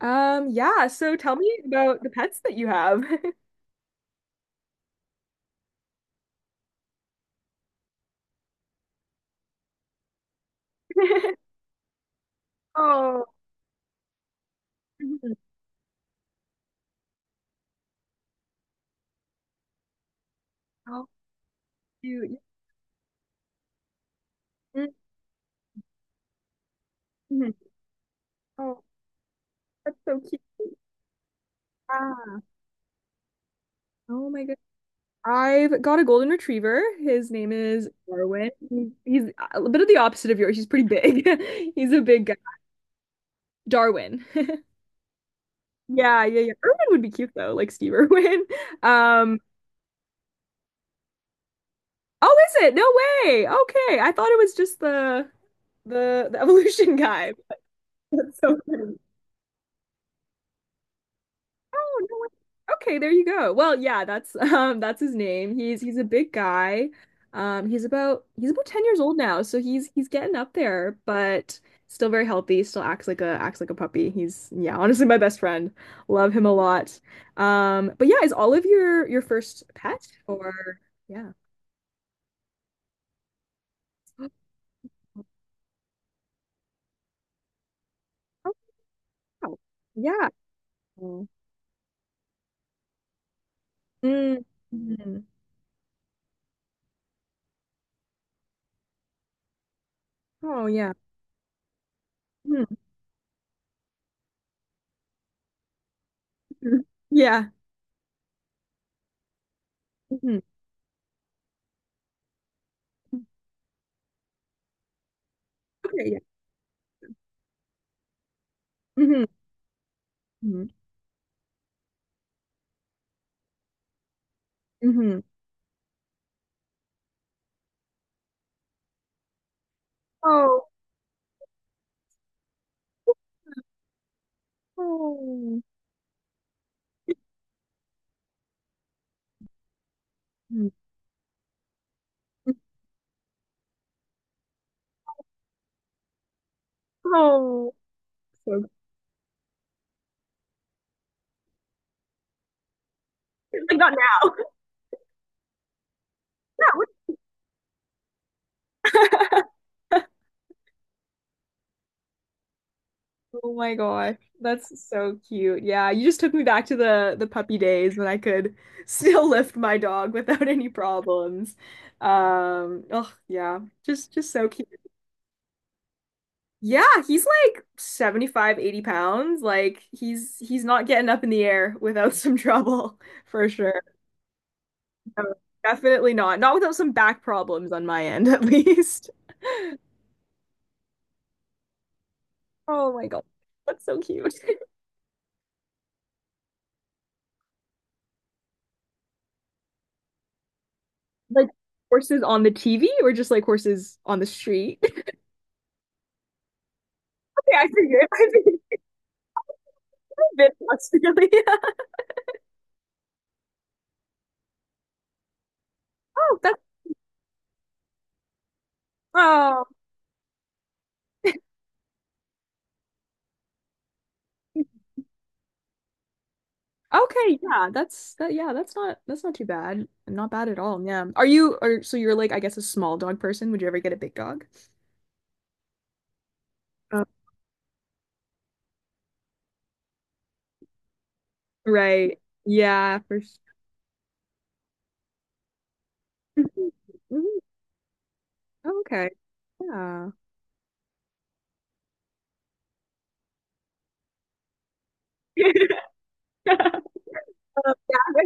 Yeah, so tell me about the pets that you have. Oh, mhm. How cute. Mhm. Oh, that's so cute. Ah, oh my goodness. I've got a golden retriever. His name is Darwin. He's a bit of the opposite of yours. He's pretty big. He's a big guy. Darwin. Yeah, yeah, yeah. Irwin would be cute though, like Steve Irwin. Um, oh, is it? No way. Okay. I thought it was just the evolution guy. That's so funny. Oh, no way. Okay, there you go. Well, yeah, that's that's his name. He's a big guy. He's about 10 years old now, so he's getting up there, but still very healthy, still acts like a puppy. He's yeah, honestly my best friend. Love him a lot. But yeah, is Olive your first pet or yeah. Oh, wow. Yeah. Mm. Mhm. Oh yeah. Mhm. Yeah. Mhm. Okay, yeah. Hmm. Hmm. Hmm. Oh, oh, Mm. Oh, so like not now. Oh my gosh, that's so cute. Yeah, you just took me back to the puppy days when I could still lift my dog without any problems. Oh yeah, just so cute. Yeah, he's like 75, 80 pounds. Like he's not getting up in the air without some trouble for sure. No, definitely not. Not without some back problems on my end at least. Oh my God. That's so cute. Like horses on the TV or just like horses on the street? Okay, I figured. I figured a bit less really. Oh, that's oh. Okay, yeah, that's that yeah, that's not too bad. Not bad at all. Yeah. Are you or so you're like I guess a small dog person? Would you ever get a big dog? Uh, right. Yeah, for sure. Mhm, mhm. Okay. Yeah. Um, yeah,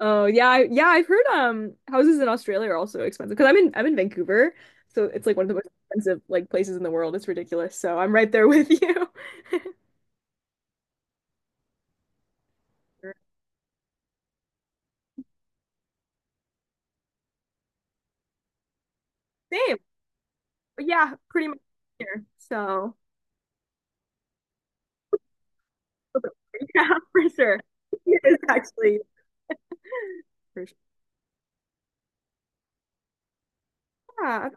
oh yeah, I, yeah, I've heard houses in Australia are also expensive because I'm in Vancouver, so it's like one of the most expensive like places in the world. It's ridiculous. So I'm right there with you. Same. But yeah, pretty much here. So yeah, for sure. It is actually for sure. Yeah,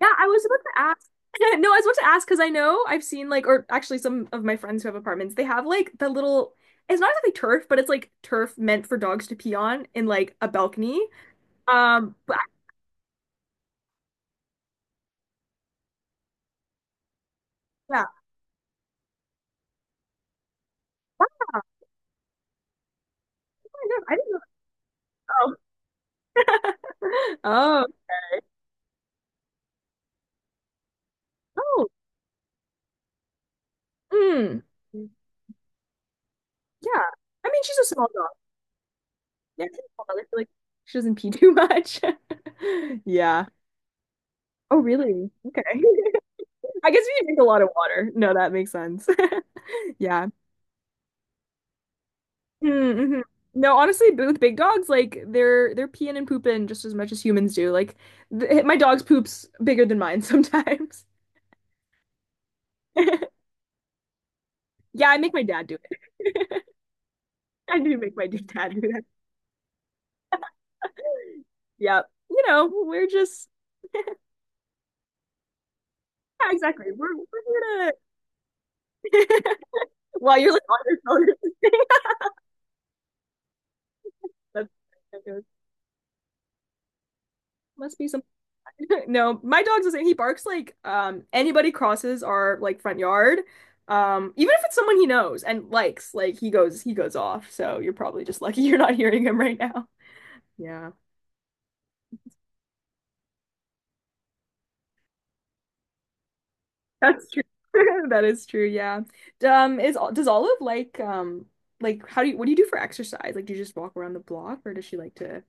yeah, I was about to ask. No, I was about to ask because I know I've seen like, or actually some of my friends who have apartments, they have like the little, it's not exactly turf, but it's like turf meant for dogs to pee on in like a balcony. Um, but I- yeah, oh my God, I didn't know. Oh, oh, okay. Oh, mm. Yeah. I mean, she's a small dog. Yeah, she's small I feel like she doesn't pee too much. Yeah. Oh, really? Okay. I guess we drink a lot of water. No, that makes sense. Yeah. Mm-hmm. No, honestly, with big dogs, like they're peeing and pooping just as much as humans do. Like th my dog's poop's bigger than mine sometimes. Yeah, I make my dad do it. I do make my dad do yeah, you know, we're just yeah, exactly. We're here to while you're like on your phone. That's that goes, must be some no, my dog's the same. He barks like anybody crosses our like front yard. Even if it's someone he knows and likes, like he goes off. So you're probably just lucky you're not hearing him right now. Yeah. That's true. That is true, yeah. Is does Olive like how do you what do you do for exercise? Like do you just walk around the block or does she like to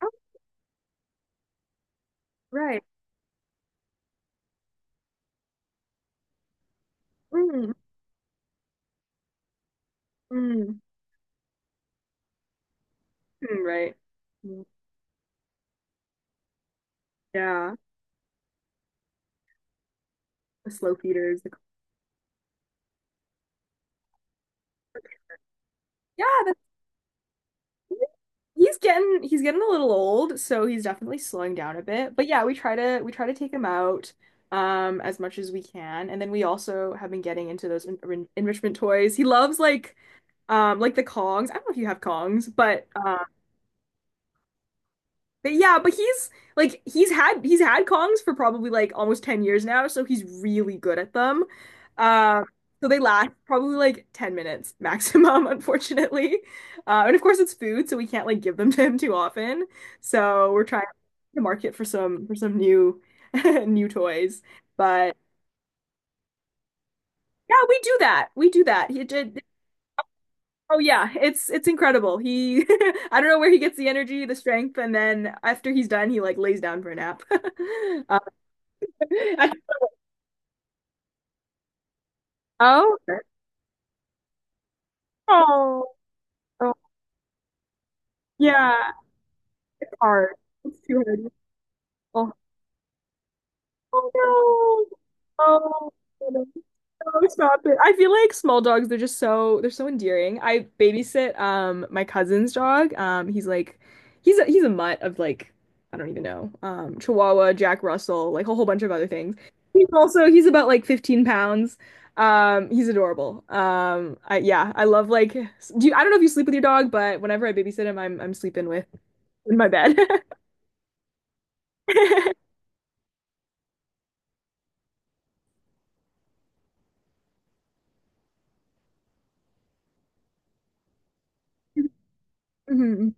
oh, right. Mm, mm, mm, right. Yeah. The slow feeder is the yeah, that's cool. He's getting a little old, so he's definitely slowing down a bit. But yeah, we try to take him out as much as we can. And then we also have been getting into those enrichment toys. He loves like the Kongs. I don't know if you have Kongs, but yeah, but he's like he's had Kongs for probably like almost 10 years now, so he's really good at them. Uh, so they last probably like 10 minutes maximum, unfortunately. And of course it's food, so we can't like give them to him too often. So we're trying to market for some new new toys. But yeah, we do that. We do that. He did oh yeah, it's incredible. He I don't know where he gets the energy, the strength, and then after he's done, he like lays down for a nap. Uh, I, oh, oh, oh, yeah, it's hard. It's too hard. Oh no. Oh, no. No, stop it. I feel like small dogs, they're just so they're so endearing. I babysit my cousin's dog. He's like he's a mutt of like I don't even know. Um, Chihuahua, Jack Russell, like a whole bunch of other things. He's also he's about like 15 pounds. He's adorable. I yeah, I love like do you, I don't know if you sleep with your dog, but whenever I babysit him, I'm sleeping with in my bed. Mhm.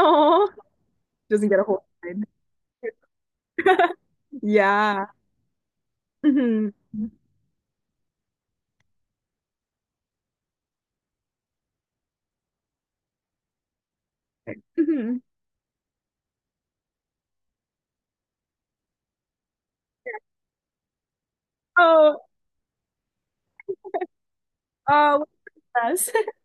Aw. Doesn't get a whole ride. Yeah. Mhm. Mhm. Oh, oh, yes.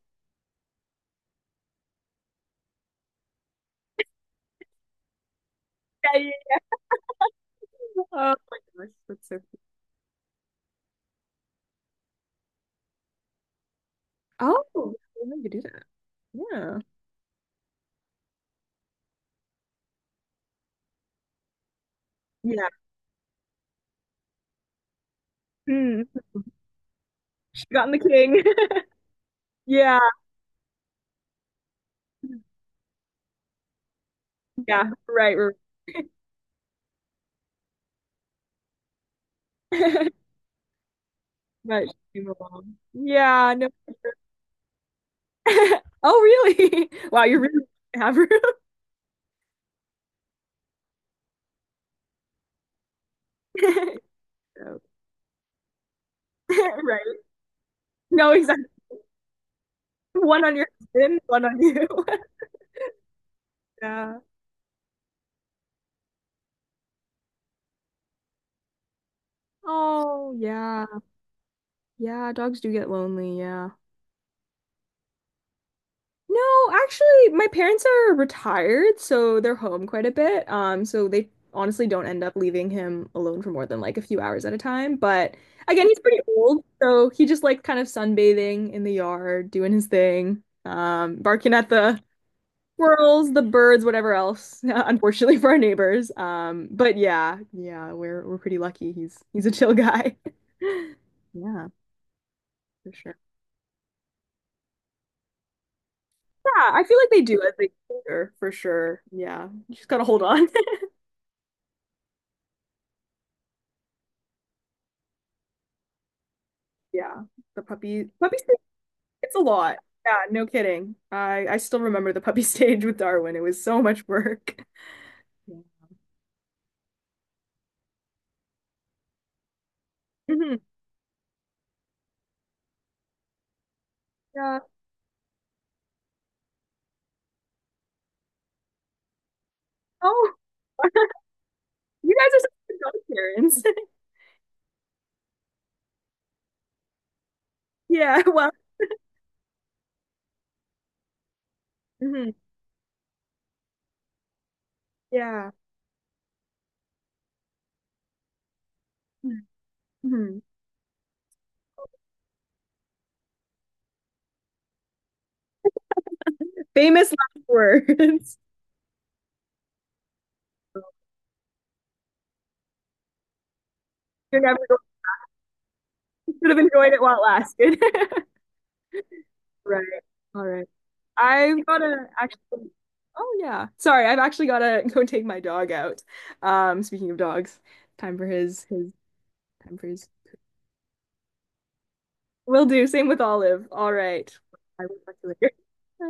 Yeah, yeah. Oh my gosh, that's so cool. Oh, I didn't know you could do that. Yeah. Yeah. Mm. She got in the king. Yeah. Yeah. Right. Right. But she came along. Yeah. No. Oh, really? Wow, you really have room. So, right. No, exactly. One on your husband, one on you. Yeah. Oh, yeah. Yeah, dogs do get lonely, yeah. No, actually, my parents are retired, so they're home quite a bit. So they honestly don't end up leaving him alone for more than like a few hours at a time. But again, he's pretty old, so he just likes kind of sunbathing in the yard, doing his thing, barking at the squirrels, the birds, whatever else, unfortunately for our neighbors. But yeah, yeah, we're pretty lucky. He's a chill guy. Yeah, for sure. Yeah, I feel like they do as they get older, for sure. Yeah, you just gotta hold on. Yeah, the puppy stage, it's a lot. Yeah, no kidding. I still remember the puppy stage with Darwin. It was so much work. Yeah. Mhm. Yeah. Oh, you guys are such good dog parents. Yeah. Well. Mhm, yeah. Mhm. Famous last words. You're never going. You should have enjoyed it while it lasted. Right. All right. I've gotta actually. Oh yeah. Sorry, I've actually gotta go take my dog out. Speaking of dogs, time for his time for his. Will do. Same with Olive. All right. I will talk to you later. Bye.